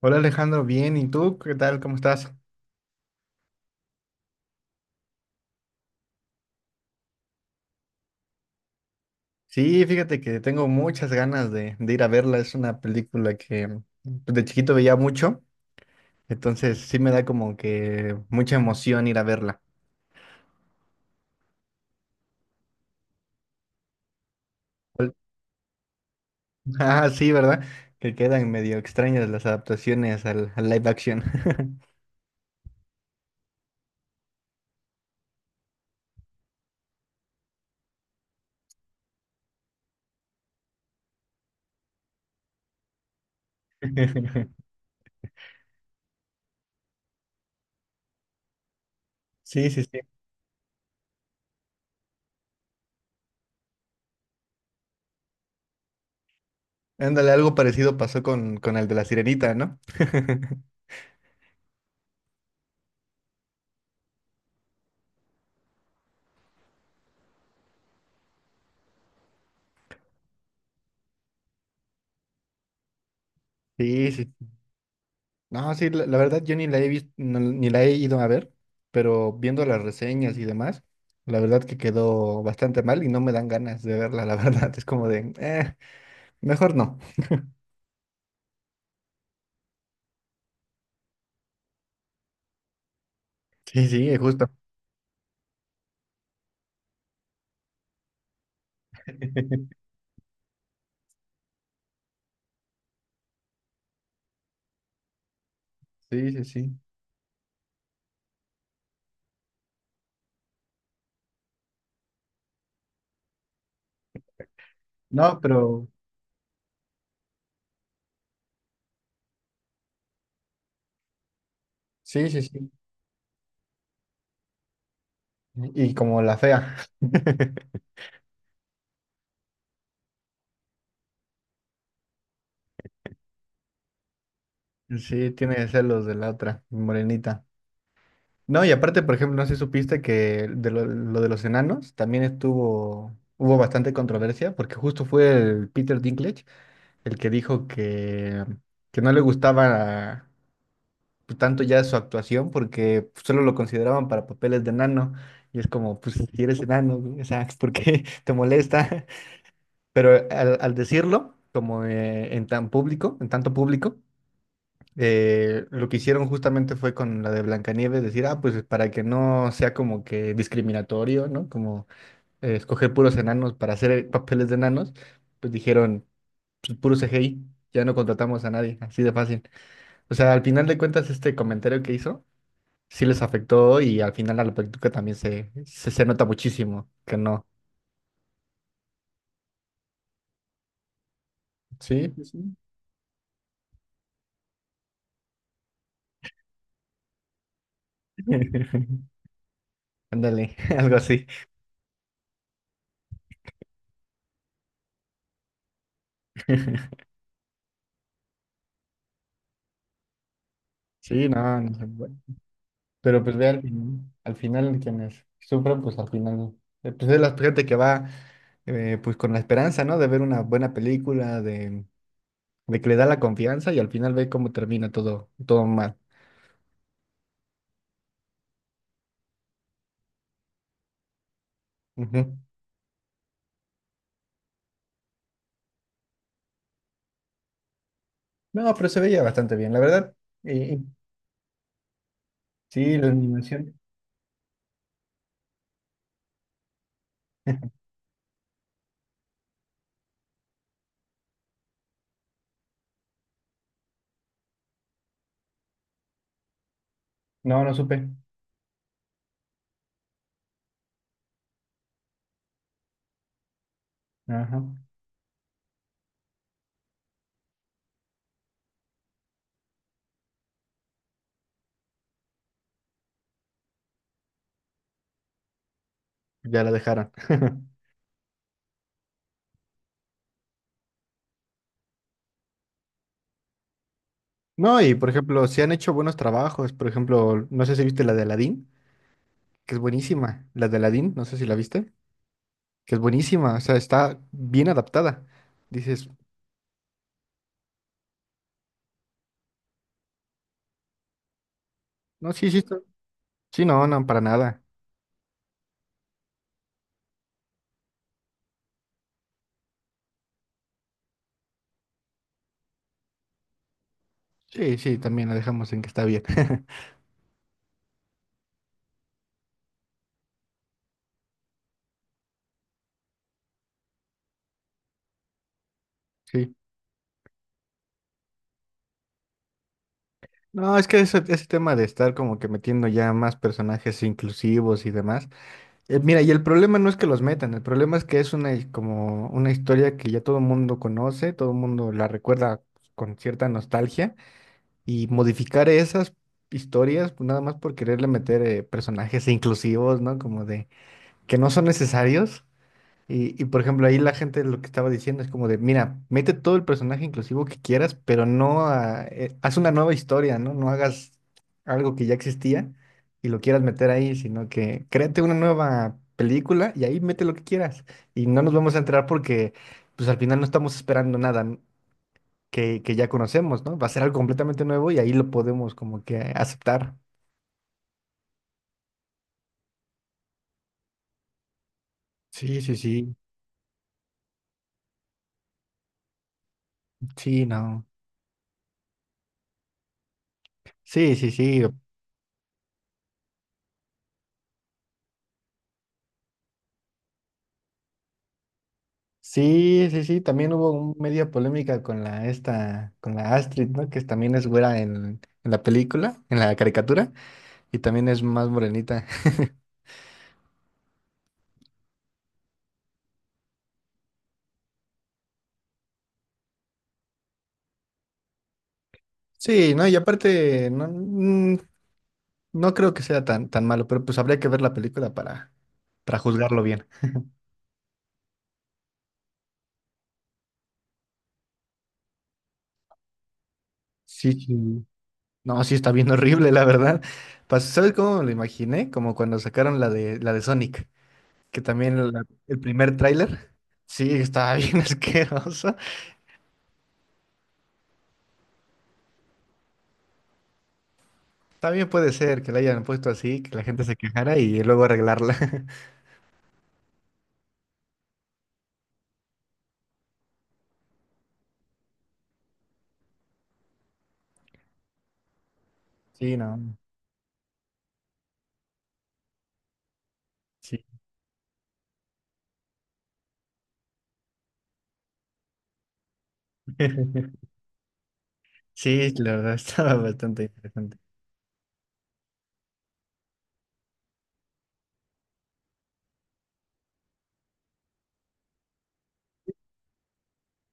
Hola Alejandro, bien, ¿y tú qué tal? ¿Cómo estás? Sí, fíjate que tengo muchas ganas de ir a verla. Es una película que pues, de chiquito veía mucho, entonces sí me da como que mucha emoción ir a verla. ¿Cuál- Ah, sí, ¿verdad? Que quedan medio extrañas las adaptaciones al live action. Sí, sí, sí. Ándale, algo parecido pasó con el de la Sirenita, ¿no? Sí, sí. No, sí, la verdad yo ni la he visto, ni la he ido a ver, pero viendo las reseñas y demás, la verdad que quedó bastante mal y no me dan ganas de verla, la verdad. Es como de, mejor no. Sí, sí, es justo. Sí, sí, sí. No, pero sí, sí, sí. Y como la fea. Sí, tiene que ser los de la otra, morenita. No, y aparte, por ejemplo, no sé si supiste que de lo de los enanos también estuvo, hubo bastante controversia, porque justo fue el Peter Dinklage el que dijo que no le gustaba pues, tanto ya su actuación porque solo lo consideraban para papeles de enano. Y es como, pues si eres enano, güey, o sea, ¿por qué te molesta? Pero al decirlo, como en tan público, en tanto público, lo que hicieron justamente fue con la de Blancanieves decir, ah, pues para que no sea como que discriminatorio, ¿no? Como escoger puros enanos para hacer papeles de enanos, pues dijeron pues, puro CGI, ya no contratamos a nadie, así de fácil. O sea, al final de cuentas, este comentario que hizo sí les afectó y al final a la práctica también se nota muchísimo que no. Sí, sí sí. Ándale, algo así. Sí, no, no se puede. Pero pues ve al final quienes sufren, pues al final, pues es la gente que va pues con la esperanza, ¿no? De ver una buena película, de que le da la confianza y al final ve cómo termina todo, todo mal. Ujú. No, pero se veía bastante bien, la verdad. Y, y- sí, la animación. No, no supe. Ajá. Ya la dejaron. No, y por ejemplo, se han hecho buenos trabajos. Por ejemplo, no sé si viste la de Aladdin, que es buenísima. La de Aladdin, no sé si la viste, que es buenísima. O sea, está bien adaptada. Dices, no, sí, sí, está- sí, no, no, para nada. Sí, sí, también la dejamos en que está bien. Sí. No, es que ese tema de estar como que metiendo ya más personajes inclusivos y demás, eh, mira, y el problema no es que los metan, el problema es que es una, hi- como una historia que ya todo el mundo conoce, todo el mundo la recuerda con cierta nostalgia, y modificar esas historias pues, nada más por quererle meter personajes inclusivos, ¿no? Como de que no son necesarios, y por ejemplo, ahí la gente lo que estaba diciendo es como de, mira, mete todo el personaje inclusivo que quieras, pero no a- haz una nueva historia, ¿no? No hagas algo que ya existía y lo quieras meter ahí, sino que créate una nueva película y ahí mete lo que quieras. Y no nos vamos a enterar porque, pues al final no estamos esperando nada n- que ya conocemos, ¿no? Va a ser algo completamente nuevo y ahí lo podemos como que aceptar. Sí, sí, sí, sí, no. Sí, sí, sí. Sí, sí, sí, también hubo un- media polémica con la esta, con la Astrid, ¿no? Que también es güera en la película, en la caricatura, y también es más morenita. Sí, no, y aparte, no, no creo que sea tan malo, pero pues habría que ver la película para juzgarlo bien. Sí, sí. No, sí está bien horrible, la verdad. Pues, ¿sabes cómo me lo imaginé? Como cuando sacaron la de Sonic, que también la- el primer tráiler, sí, estaba bien asqueroso. También puede ser que la hayan puesto así, que la gente se quejara y luego arreglarla. Sí, no. Sí. Sí, la verdad estaba bastante interesante.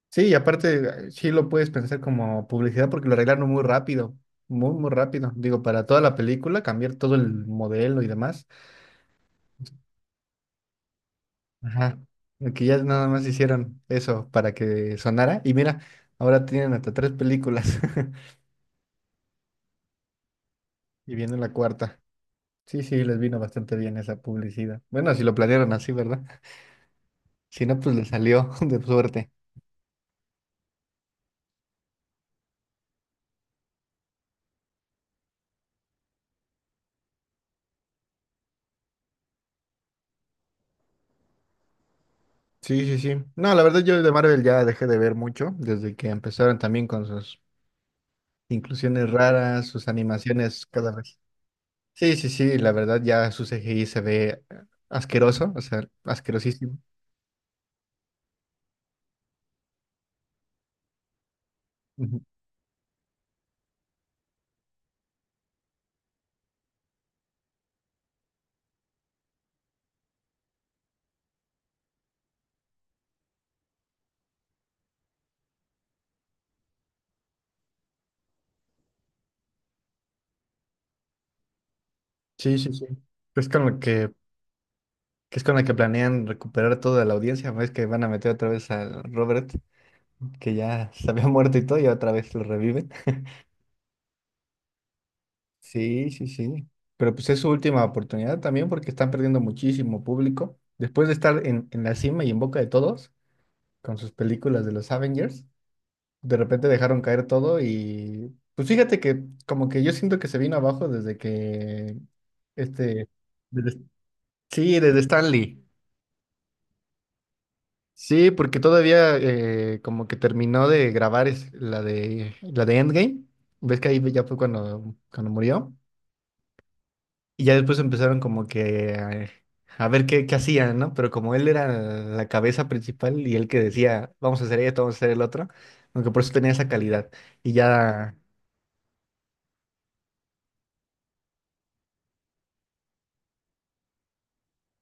Sí, y aparte, sí lo puedes pensar como publicidad porque lo arreglaron muy rápido. Muy rápido. Digo, para toda la película, cambiar todo el modelo y demás. Ajá. Que ya nada más hicieron eso para que sonara. Y mira, ahora tienen hasta tres películas. Y viene la cuarta. Sí, sí, les vino bastante bien esa publicidad. Bueno, si lo planearon así, ¿verdad? Si no, pues le salió de suerte. Sí, sí, sí. No, la verdad yo de Marvel ya dejé de ver mucho desde que empezaron también con sus inclusiones raras, sus animaciones cada vez. Sí, sí, sí, la verdad ya su CGI se ve asqueroso, o sea, asquerosísimo. Ujú. Sí, sí, sí. Es con lo que es con la que planean recuperar toda la audiencia, ves que van a meter otra vez al Robert, que ya se había muerto y todo, y otra vez lo reviven. Sí, sí, sí. Pero pues es su última oportunidad también porque están perdiendo muchísimo público. Después de estar en la cima y en boca de todos con sus películas de los Avengers, de repente dejaron caer todo y pues fíjate que como que yo siento que se vino abajo desde que este... desde- sí, desde Stan Lee. Sí, porque todavía como que terminó de grabar es- la de Endgame. ¿Ves que ahí ya fue cuando, cuando murió? Y ya después empezaron como que a, ver qué hacían, ¿no? Pero como él era la cabeza principal y él que decía, vamos a hacer esto, vamos a hacer el otro, aunque por eso tenía esa calidad. Y ya...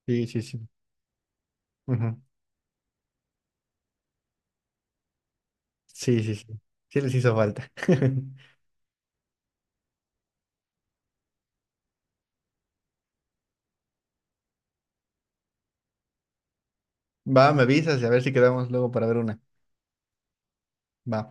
Sí, sí, sí. Ujú. Sí, sí, sí. Sí les hizo falta. Va, me avisas y a ver si quedamos luego para ver una. Va.